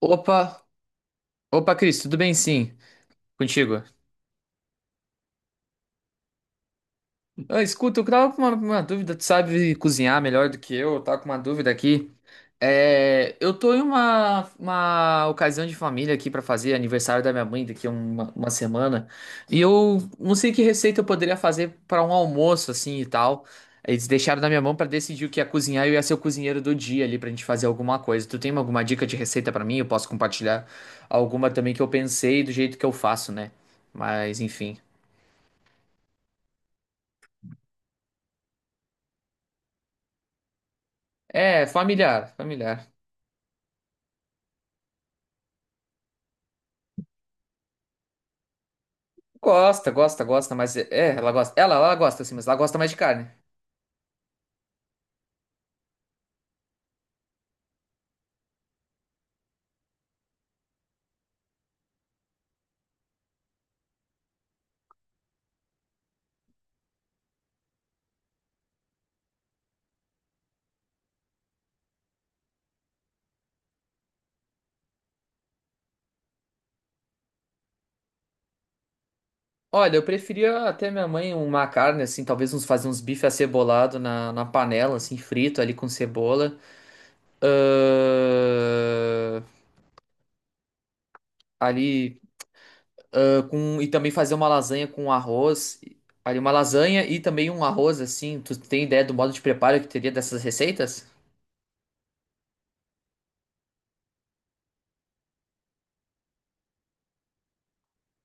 Opa, opa, Cris, tudo bem sim? Contigo? Ah, escuta, eu tava com uma dúvida, tu sabe cozinhar melhor do que eu tava com uma dúvida aqui. É, eu tô em uma ocasião de família aqui pra fazer aniversário da minha mãe daqui a uma semana. E eu não sei que receita eu poderia fazer pra um almoço assim e tal. Eles deixaram na minha mão pra decidir o que ia cozinhar e eu ia ser o cozinheiro do dia ali pra gente fazer alguma coisa. Tu tem alguma dica de receita pra mim? Eu posso compartilhar alguma também que eu pensei do jeito que eu faço, né? Mas enfim. É, familiar, familiar. Gosta, gosta, gosta, mas é, ela gosta. Ela gosta assim, mas ela gosta mais de carne. Olha, eu preferia até minha mãe uma carne, assim, talvez uns fazer uns bife acebolado na panela, assim, frito ali com cebola. Ahn, ali com. E também fazer uma lasanha com arroz. Ali, uma lasanha e também um arroz, assim. Tu tem ideia do modo de preparo que teria dessas receitas?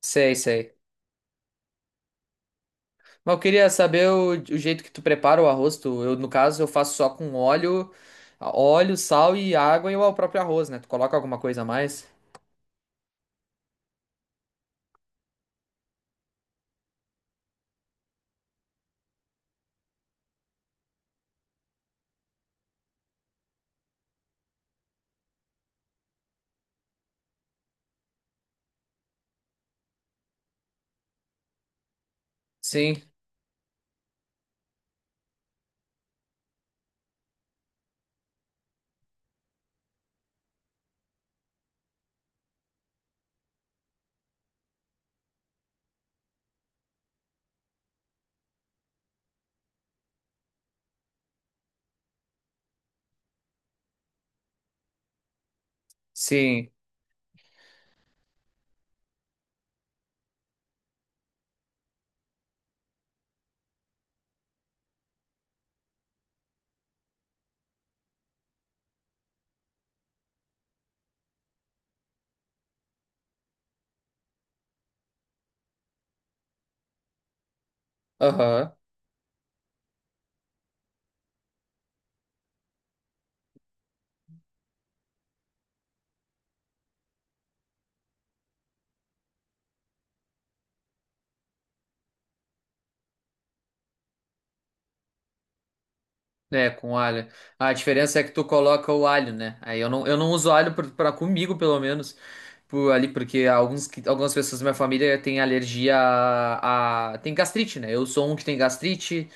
Sei, sei. Mas eu queria saber o jeito que tu prepara o arroz. Tu, eu, no caso, eu faço só com óleo, sal e água e o próprio arroz, né? Tu coloca alguma coisa a mais? Sim, sim. Aham. É, com alho. A diferença é que tu coloca o alho, né? Aí eu não uso alho pra comigo, pelo menos. Por, ali, porque algumas pessoas da minha família têm alergia tem gastrite, né? Eu sou um que tem gastrite.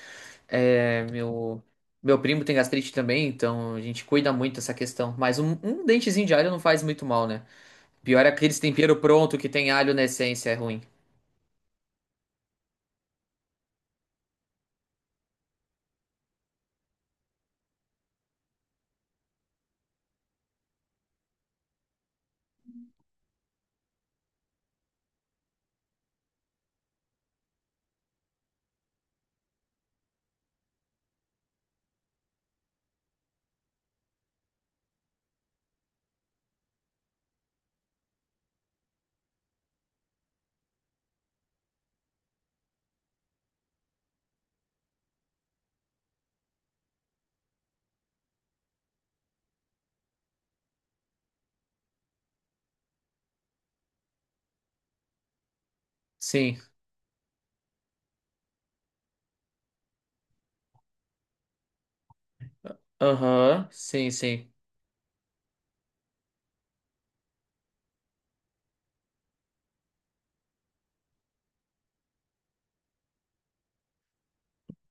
É, meu primo tem gastrite também, então a gente cuida muito dessa questão. Mas um dentezinho de alho não faz muito mal, né? Pior é aqueles tempero pronto que tem alho na essência, é ruim. Sim. Aham. Sim, sim.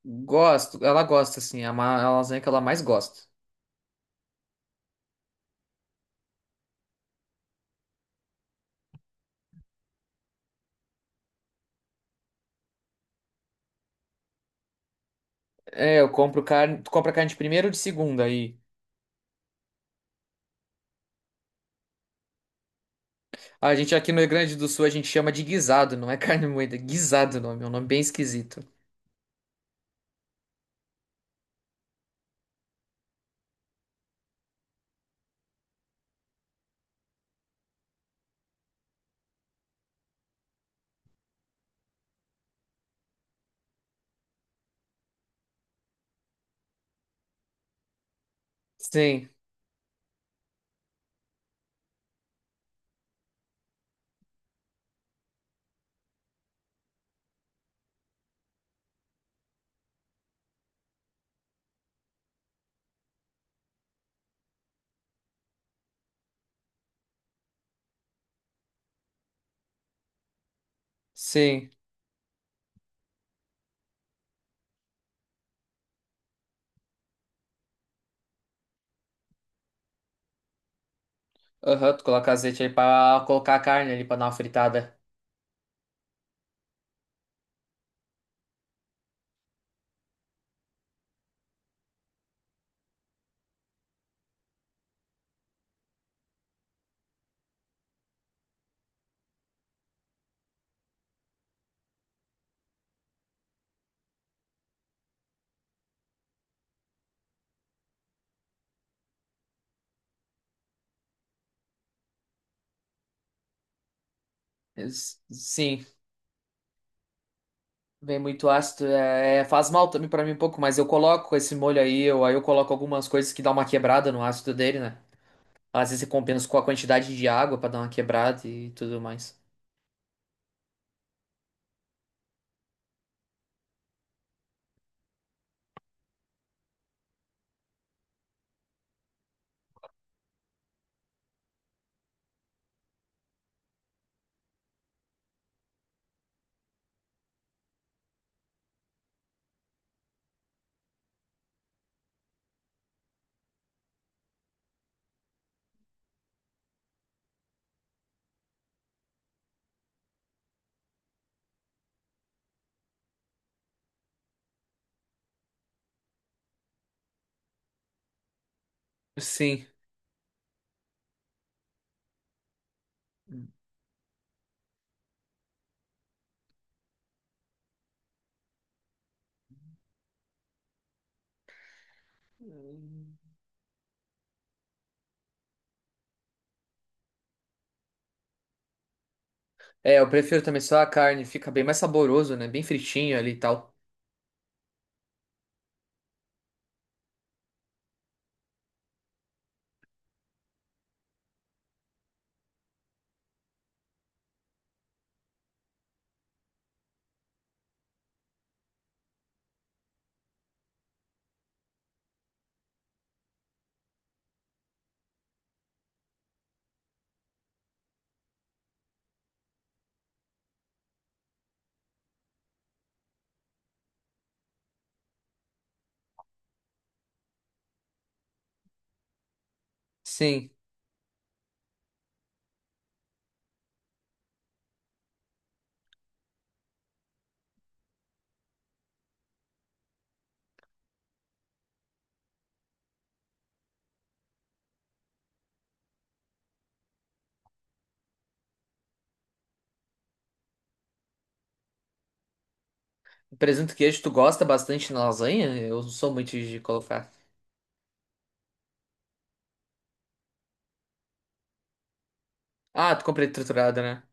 Gosto. Ela gosta, assim. É uma, é a lasanha que ela mais gosta. É, eu compro carne. Tu compra carne de primeira ou de segunda aí? Ah, a gente aqui no Rio Grande do Sul a gente chama de guisado, não é carne moída. Guisado o nome, é um nome bem esquisito. Sim, sim. Aham, tu coloca azeite aí pra colocar a carne ali pra dar uma fritada. Sim, vem muito ácido. É, é, faz mal também pra mim um pouco, mas eu coloco esse molho aí eu coloco algumas coisas que dá uma quebrada no ácido dele, né? Às vezes eu compenso com a quantidade de água pra dar uma quebrada e tudo mais. Sim. É, eu prefiro também só a carne, fica bem mais saboroso, né? Bem fritinho ali e tal. Sim. Presunto e queijo, tu gosta bastante na lasanha? Eu não sou muito de colocar. Ah, tu comprei triturado, né?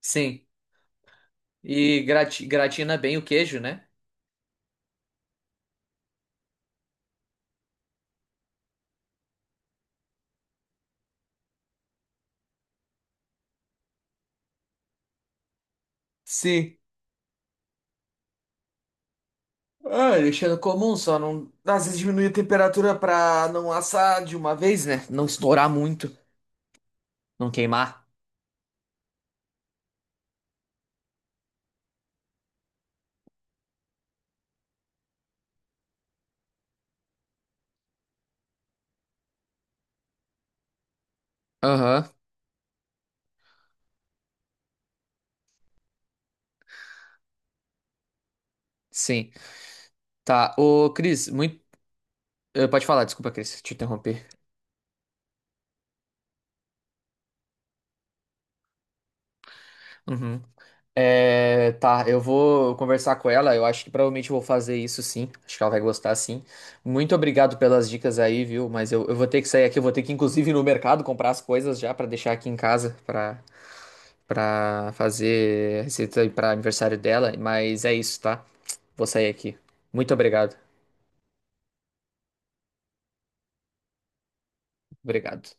Sim. E gratina bem o queijo, né? Sim. Ah, deixando comum, só não. Às vezes diminui a temperatura pra não assar de uma vez, né? Não estourar muito, não queimar. Aham, sim. Tá, ô Cris, muito. Pode falar, desculpa, Cris, te interromper. Uhum. É, tá, eu vou conversar com ela. Eu acho que provavelmente eu vou fazer isso sim. Acho que ela vai gostar sim. Muito obrigado pelas dicas aí, viu? Mas eu vou ter que sair aqui. Eu vou ter que, inclusive, ir no mercado comprar as coisas já pra deixar aqui em casa pra para fazer receita aí para aniversário dela. Mas é isso, tá? Vou sair aqui. Muito obrigado. Obrigado.